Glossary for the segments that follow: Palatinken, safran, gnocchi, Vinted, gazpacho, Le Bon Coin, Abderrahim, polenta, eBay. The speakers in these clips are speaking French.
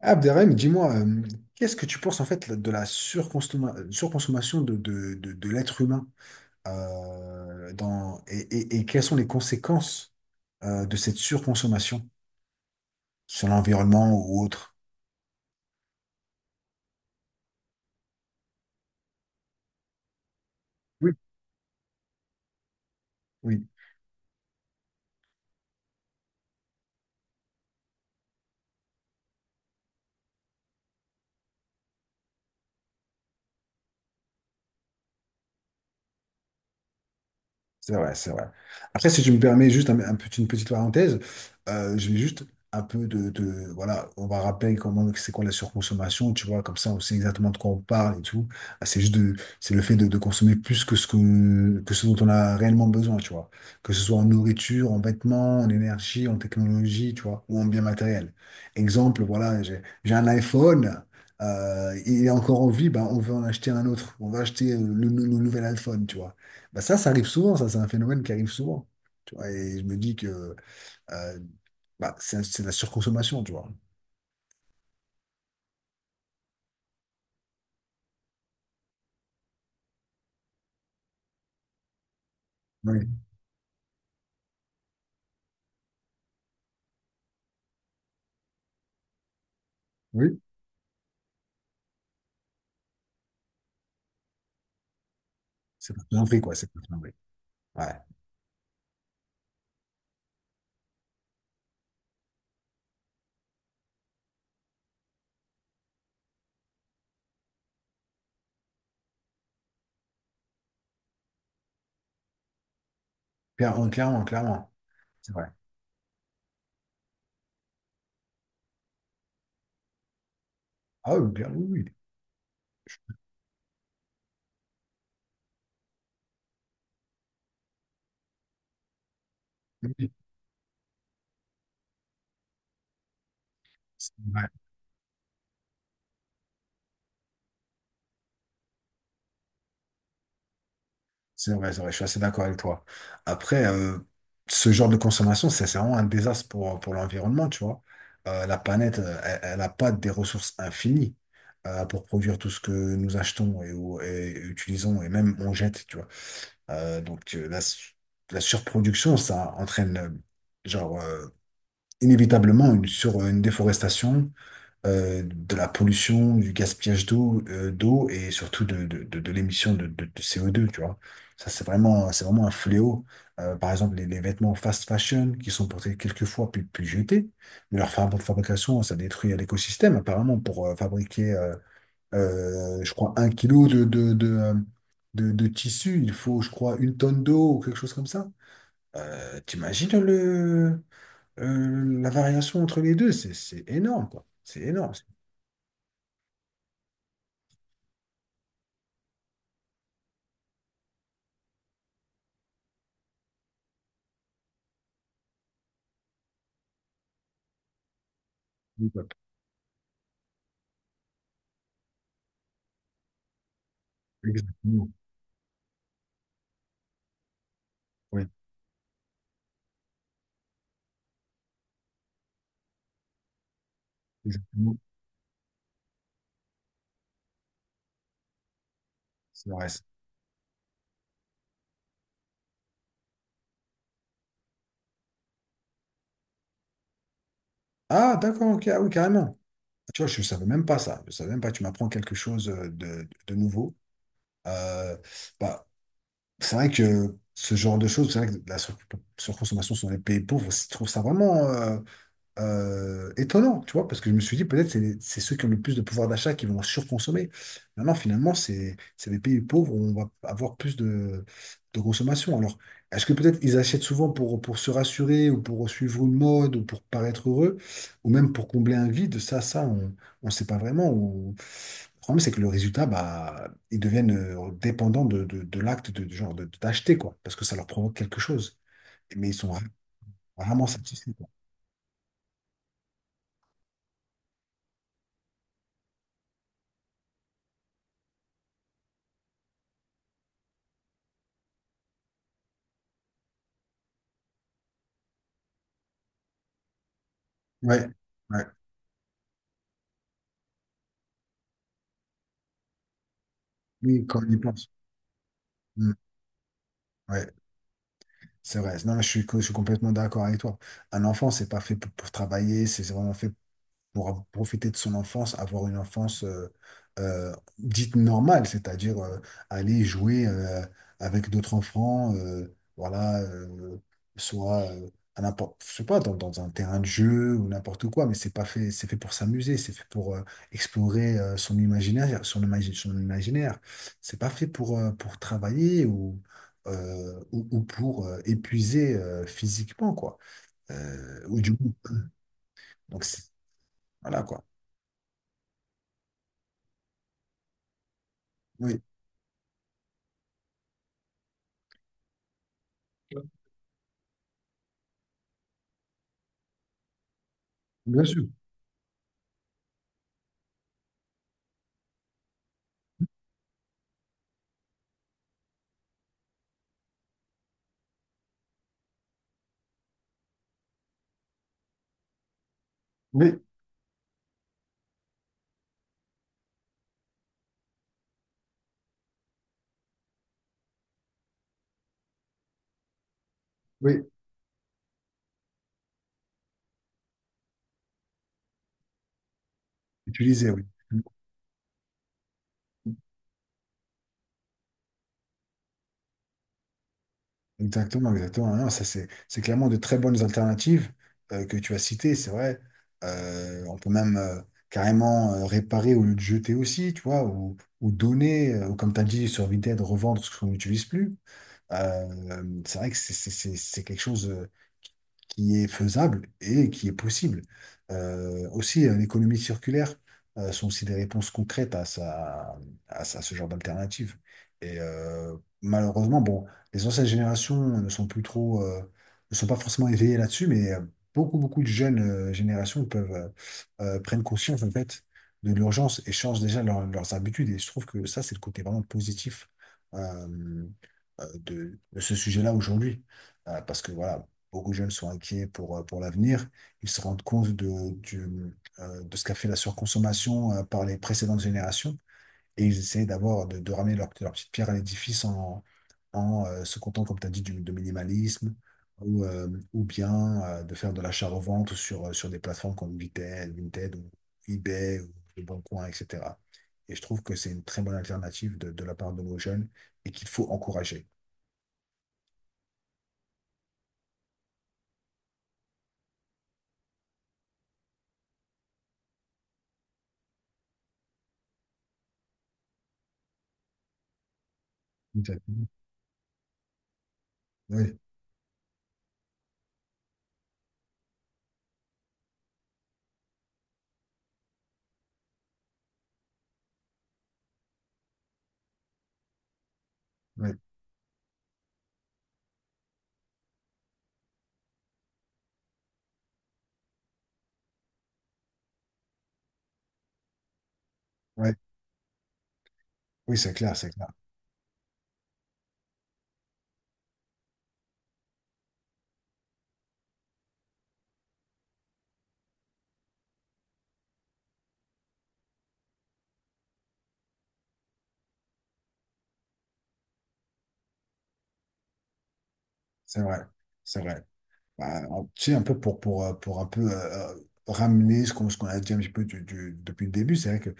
Abderrahim, dis-moi, qu'est-ce que tu penses en fait de la surconsommation de l'être humain dans, et quelles sont les conséquences de cette surconsommation sur l'environnement ou autre? Oui. Oui. C'est vrai, c'est vrai. Après, si tu me permets juste un une petite parenthèse, je vais juste un peu voilà, on va rappeler comment c'est quoi la surconsommation, tu vois, comme ça on sait exactement de quoi on parle et tout. Ah, c'est juste de, c'est le fait de consommer plus que ce dont on a réellement besoin, tu vois. Que ce soit en nourriture, en vêtements, en énergie, en technologie, tu vois, ou en biens matériels. Exemple, voilà, j'ai un iPhone. Il est encore en vie, ben, on veut en acheter un autre. On va acheter le, le nouvel iPhone, tu vois. Bah ça, ça arrive souvent, ça, c'est un phénomène qui arrive souvent. Tu vois, et je me dis que euh, bah, c'est de la surconsommation, tu vois. Oui, oui. C'est pas bien vrai, quoi, c'est pas bien vrai. Ouais. Clairement, clairement, clairement. C'est vrai. Ah oui, bien, oui, oui. Oui, oui. C'est vrai, c'est vrai, c'est vrai, je suis assez d'accord avec toi. Après, ce genre de consommation, c'est vraiment un désastre pour l'environnement, tu vois. La planète, elle n'a pas des ressources infinies pour produire tout ce que nous achetons et utilisons et même on jette, tu vois. Donc la, la surproduction, ça entraîne genre euh, inévitablement une déforestation, de la pollution, du gaspillage d'eau, d'eau et surtout de l'émission de CO2, tu vois. Ça, c'est vraiment un fléau. Par exemple, les vêtements fast fashion qui sont portés quelques fois puis jetés, mais leur fabrication, ça détruit l'écosystème apparemment pour fabriquer je crois, un kilo de tissu, il faut, je crois, une tonne d'eau ou quelque chose comme ça. T'imagines le, la variation entre les deux, c'est énorme, quoi. C'est énorme. Exactement. Oui, exactement. C'est vrai. Ah, d'accord, ok, ah oui, carrément. Tu vois, je ne savais même pas ça. Je savais même pas, tu m'apprends quelque chose de nouveau. Euh, bah, c'est vrai que ce genre de choses, c'est vrai que la surconsommation sur les pays pauvres, je trouve ça vraiment. Étonnant, tu vois, parce que je me suis dit, peut-être c'est ceux qui ont le plus de pouvoir d'achat qui vont surconsommer. Maintenant, finalement, c'est les pays pauvres où on va avoir plus de consommation. Alors, est-ce que peut-être ils achètent souvent pour se rassurer ou pour suivre une mode ou pour paraître heureux ou même pour combler un vide? Ça, on ne sait pas vraiment. Ou... Le problème, c'est que le résultat, bah, ils deviennent dépendants de l'acte de, d'acheter, quoi, parce que ça leur provoque quelque chose. Mais ils sont rarement satisfaits, quoi. Ouais. Ouais. Oui, quand on y pense. Mm. Ouais, c'est vrai. Non, je suis, je suis complètement d'accord avec toi. Un enfant, c'est pas fait pour travailler, c'est vraiment fait pour profiter de son enfance, avoir une enfance dite normale, c'est-à-dire aller jouer avec d'autres enfants, voilà, soit à n'importe, je sais pas, dans, dans un terrain de jeu ou n'importe quoi, mais c'est pas fait, c'est fait pour s'amuser, c'est fait pour explorer son imaginaire, son imaginaire. C'est pas fait pour travailler ou ou pour épuiser physiquement quoi. Ou du coup. Donc voilà quoi. Oui. Bien sûr. Oui, oui, utiliser, oui. Exactement, exactement. Non, ça, c'est clairement de très bonnes alternatives que tu as citées, c'est vrai. On peut même carrément réparer au lieu de jeter aussi, tu vois, ou donner, ou comme tu as dit, sur Vinted, revendre ce qu'on n'utilise plus. C'est vrai que c'est quelque chose qui est faisable et qui est possible. Aussi, l'économie circulaire sont aussi des réponses concrètes à, ça, à ce genre d'alternative. Et malheureusement, bon, les anciennes générations ne sont plus trop, ne sont pas forcément éveillées là-dessus, mais beaucoup, beaucoup de jeunes générations peuvent prennent conscience en fait de l'urgence et changent déjà leurs habitudes. Et je trouve que ça, c'est le côté vraiment positif euh, de ce sujet-là aujourd'hui. Parce que voilà, beaucoup de jeunes sont inquiets pour l'avenir. Ils se rendent compte de ce qu'a fait la surconsommation par les précédentes générations. Et ils essaient d'avoir, de ramener leur, leur petite pierre à l'édifice en, en se contentant, comme tu as dit, du, de minimalisme. Ou ou bien de faire de l'achat-revente sur, sur des plateformes comme Vinted, Vinted ou eBay ou Le Bon Coin, etc. Et je trouve que c'est une très bonne alternative de la part de nos jeunes et qu'il faut encourager. Tout à fait. Oui, oui, oui, oui, c'est clair, c'est clair. C'est vrai, c'est vrai. Bah, tu sais, un peu pour un peu ramener ce qu'on a dit un petit peu depuis le début, c'est vrai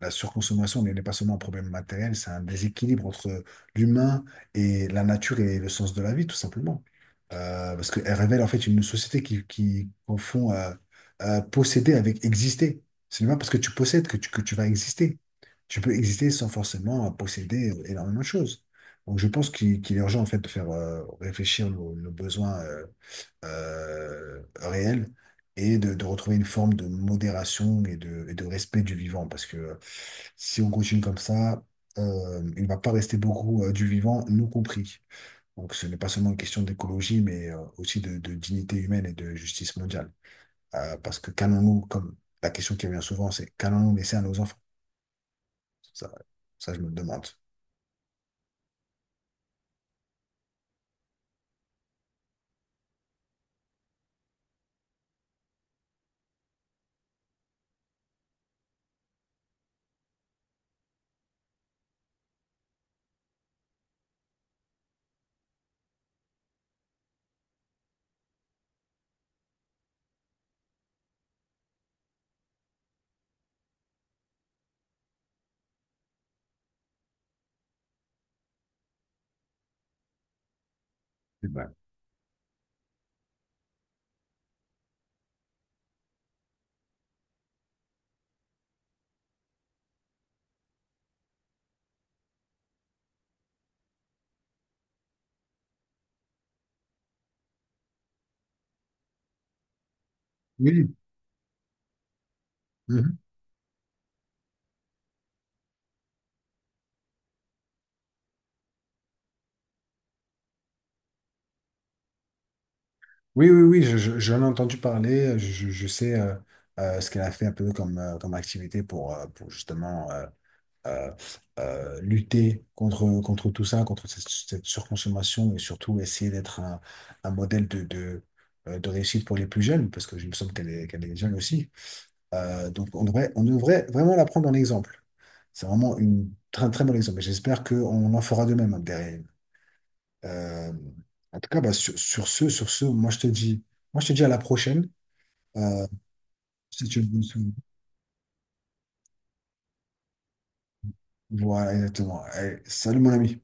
la surconsommation n'est pas seulement un problème matériel, c'est un déséquilibre entre l'humain et la nature et le sens de la vie, tout simplement. Parce qu'elle révèle en fait une société qui confond posséder avec exister. C'est pas parce que tu possèdes que tu vas exister. Tu peux exister sans forcément posséder énormément de choses. Donc je pense qu'il est urgent en fait de faire réfléchir nos, nos besoins réel et de retrouver une forme de modération et de respect du vivant. Parce que si on continue comme ça, il ne va pas rester beaucoup du vivant, nous compris. Donc ce n'est pas seulement une question d'écologie, mais aussi de dignité humaine et de justice mondiale. Parce que comme la question qui revient souvent, c'est qu'allons-nous laisser à nos enfants? Ça, ça je me le demande. Eh ben, Oui. Oui, oui, oui, j'en ai entendu parler, je sais ce qu'elle a fait un peu comme, comme activité pour justement euh, lutter contre, contre tout ça, contre cette, cette surconsommation et surtout essayer d'être un modèle de, de réussite pour les plus jeunes, parce que je me semble qu'elle est jeune aussi. Donc on devrait vraiment la prendre en exemple. C'est vraiment une, très, très bon exemple et j'espère qu'on en fera de même hein, derrière. Euh, en tout cas, bah, sur, sur ce, moi je te dis, moi je te dis à la prochaine. Euh, si tu veux, voilà, exactement. Allez, salut mon ami.